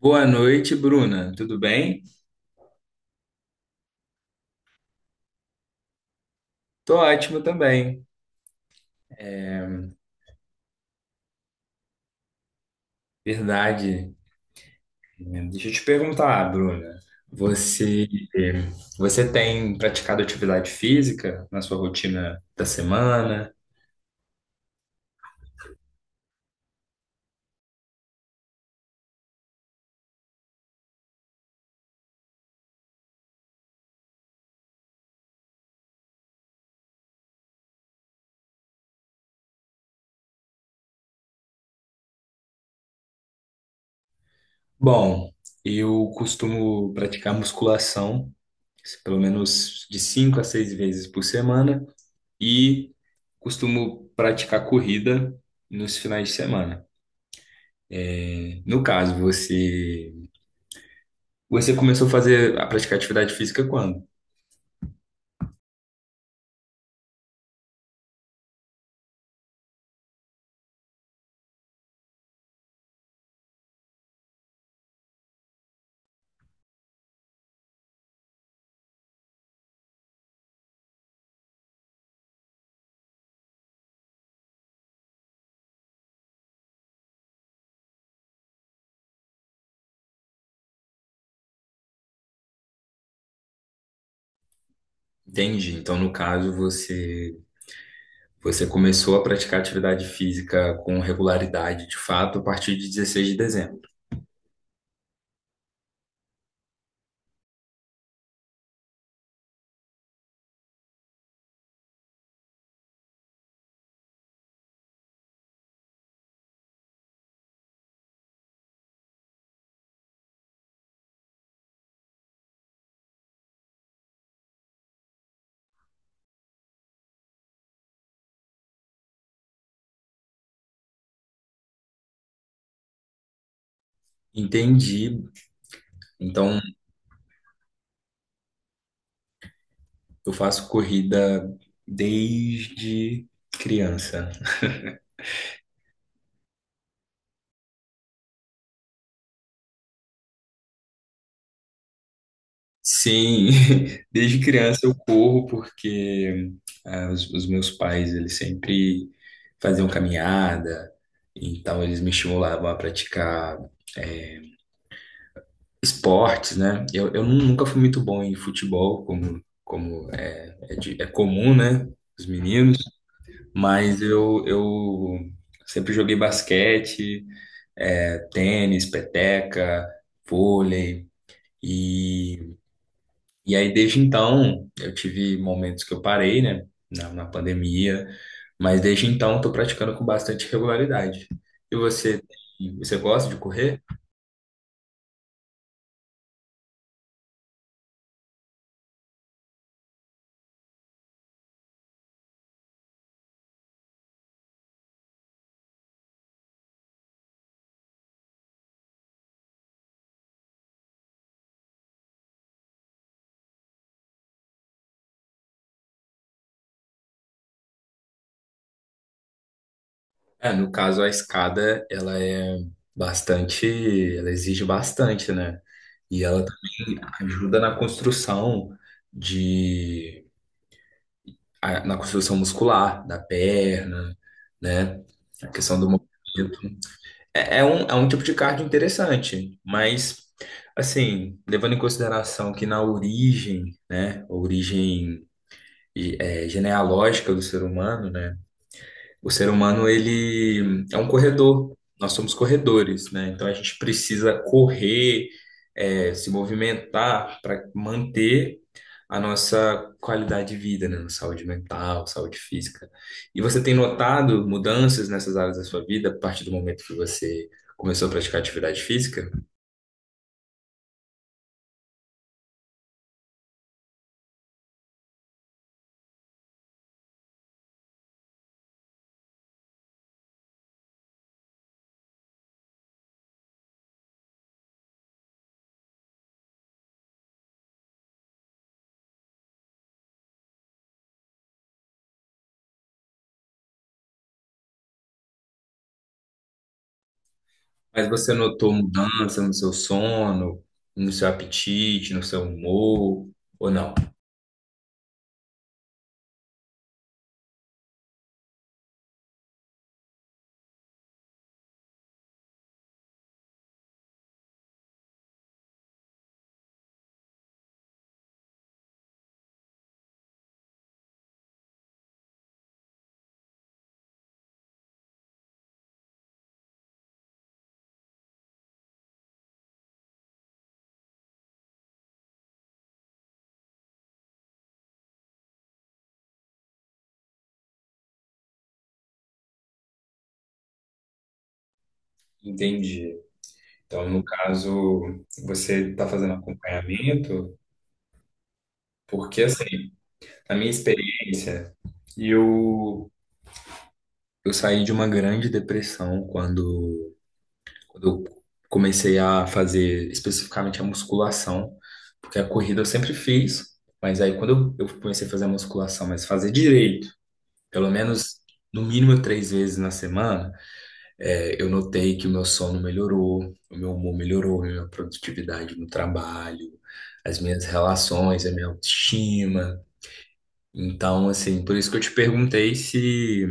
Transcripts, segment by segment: Boa noite, Bruna. Tudo bem? Tô ótimo também. Verdade. Deixa eu te perguntar, Bruna. Você, você tem praticado atividade física na sua rotina da semana? Bom, eu costumo praticar musculação, pelo menos de cinco a seis vezes por semana, e costumo praticar corrida nos finais de semana. No caso, você começou a fazer a praticar atividade física quando? Entendi. Então, no caso, você começou a praticar atividade física com regularidade, de fato, a partir de 16 de dezembro. Entendi. Então, eu faço corrida desde criança. Sim, desde criança eu corro porque ah, os meus pais, eles sempre faziam caminhada, então eles me estimulavam a praticar eh, esportes, né? Eu nunca fui muito bom em futebol, como é comum, né? Os meninos, mas eu sempre joguei basquete, é, tênis, peteca, vôlei, e, e aí desde então eu tive momentos que eu parei, né? Na pandemia, mas desde então estou praticando com bastante regularidade. E você, você gosta de correr? É, no caso, a escada, ela é bastante, ela exige bastante, né? E ela também ajuda na construção de, na construção muscular da perna, né? A questão do movimento. É, é um tipo de cardio interessante, mas, assim, levando em consideração que na origem, né? Origem genealógica do ser humano, né? O ser humano, ele é um corredor. Nós somos corredores, né? Então a gente precisa correr, é, se movimentar para manter a nossa qualidade de vida, né? Saúde mental, saúde física. E você tem notado mudanças nessas áreas da sua vida a partir do momento que você começou a praticar atividade física? Mas você notou mudança no seu sono, no seu apetite, no seu humor, ou não? Entendi. Então, no caso, você está fazendo acompanhamento, porque assim, a minha experiência, eu, eu saí de uma grande depressão quando, quando eu comecei a fazer especificamente a musculação, porque a corrida eu sempre fiz, mas aí quando eu comecei a fazer a musculação, mas fazer direito, pelo menos no mínimo três vezes na semana, é, eu notei que o meu sono melhorou, o meu humor melhorou, a minha produtividade no trabalho, as minhas relações, a minha autoestima. Então, assim, por isso que eu te perguntei se,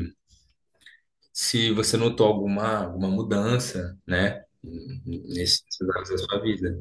se você notou alguma mudança, né, nesses áreas da sua vida.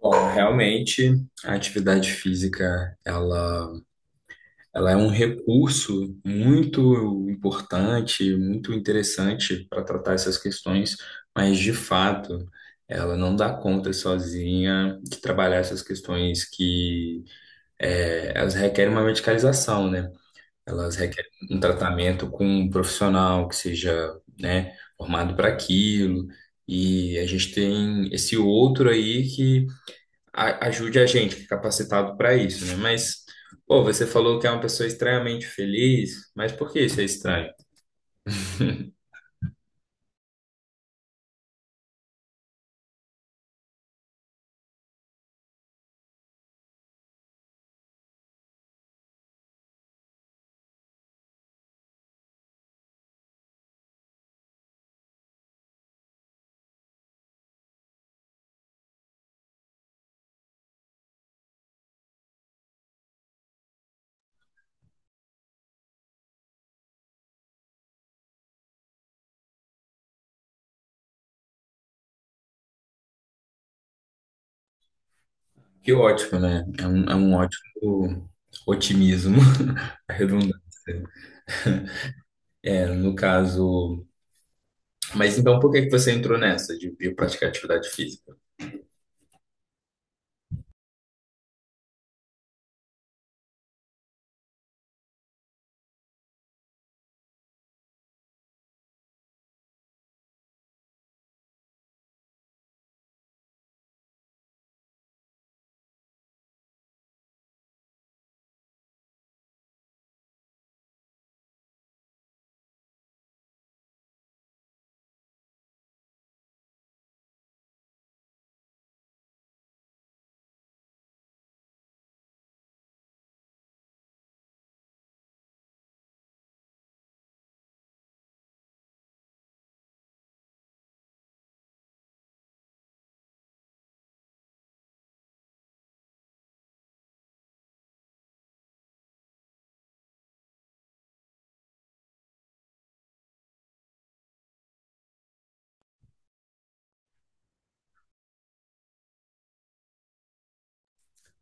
Bom, realmente, a atividade física, ela é um recurso muito importante, muito interessante para tratar essas questões, mas de fato, ela não dá conta sozinha de trabalhar essas questões que elas requerem uma medicalização, né? Elas requerem um tratamento com um profissional que seja, né, formado para aquilo. E a gente tem esse outro aí que ajude a gente que é capacitado para isso, né? Mas, pô, você falou que é uma pessoa estranhamente feliz, mas por que isso é estranho? Que ótimo, né? É um ótimo otimismo, a redundância. É, no caso. Mas então por que que você entrou nessa de praticar atividade física?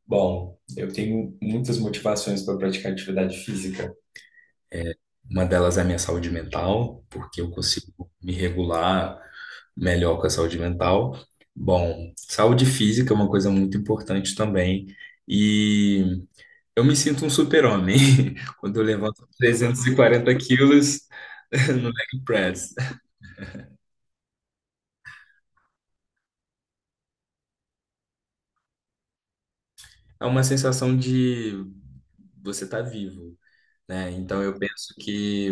Bom, eu tenho muitas motivações para praticar atividade física. Uma delas é a minha saúde mental, porque eu consigo me regular melhor com a saúde mental. Bom, saúde física é uma coisa muito importante também. E eu me sinto um super-homem quando eu levanto 340 quilos no leg press. É uma sensação de você tá vivo, né? Então eu penso que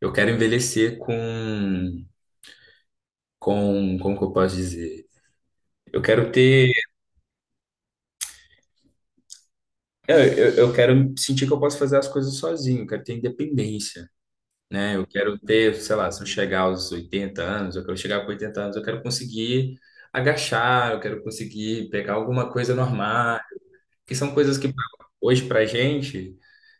eu quero envelhecer como que eu posso dizer? Eu quero ter. Eu quero sentir que eu posso fazer as coisas sozinho, eu quero ter independência, né? Eu quero ter, sei lá, se eu chegar aos 80 anos, eu quero chegar com 80 anos, eu quero conseguir agachar, eu quero conseguir pegar alguma coisa normal, que são coisas que hoje pra gente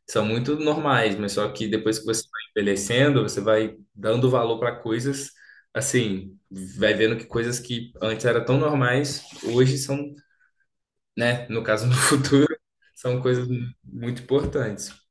são muito normais, mas só que depois que você vai envelhecendo, você vai dando valor para coisas, assim, vai vendo que coisas que antes eram tão normais, hoje são, né? No caso, no futuro, são coisas muito importantes.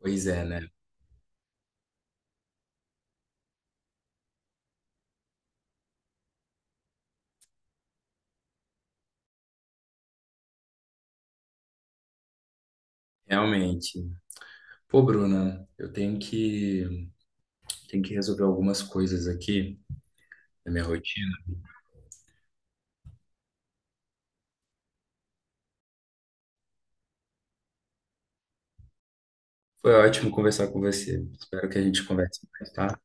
Pois é, né? Realmente. Pô, Bruna, tenho que resolver algumas coisas aqui da minha rotina. Foi ótimo conversar com você. Espero que a gente converse mais, tá?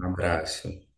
Um abraço.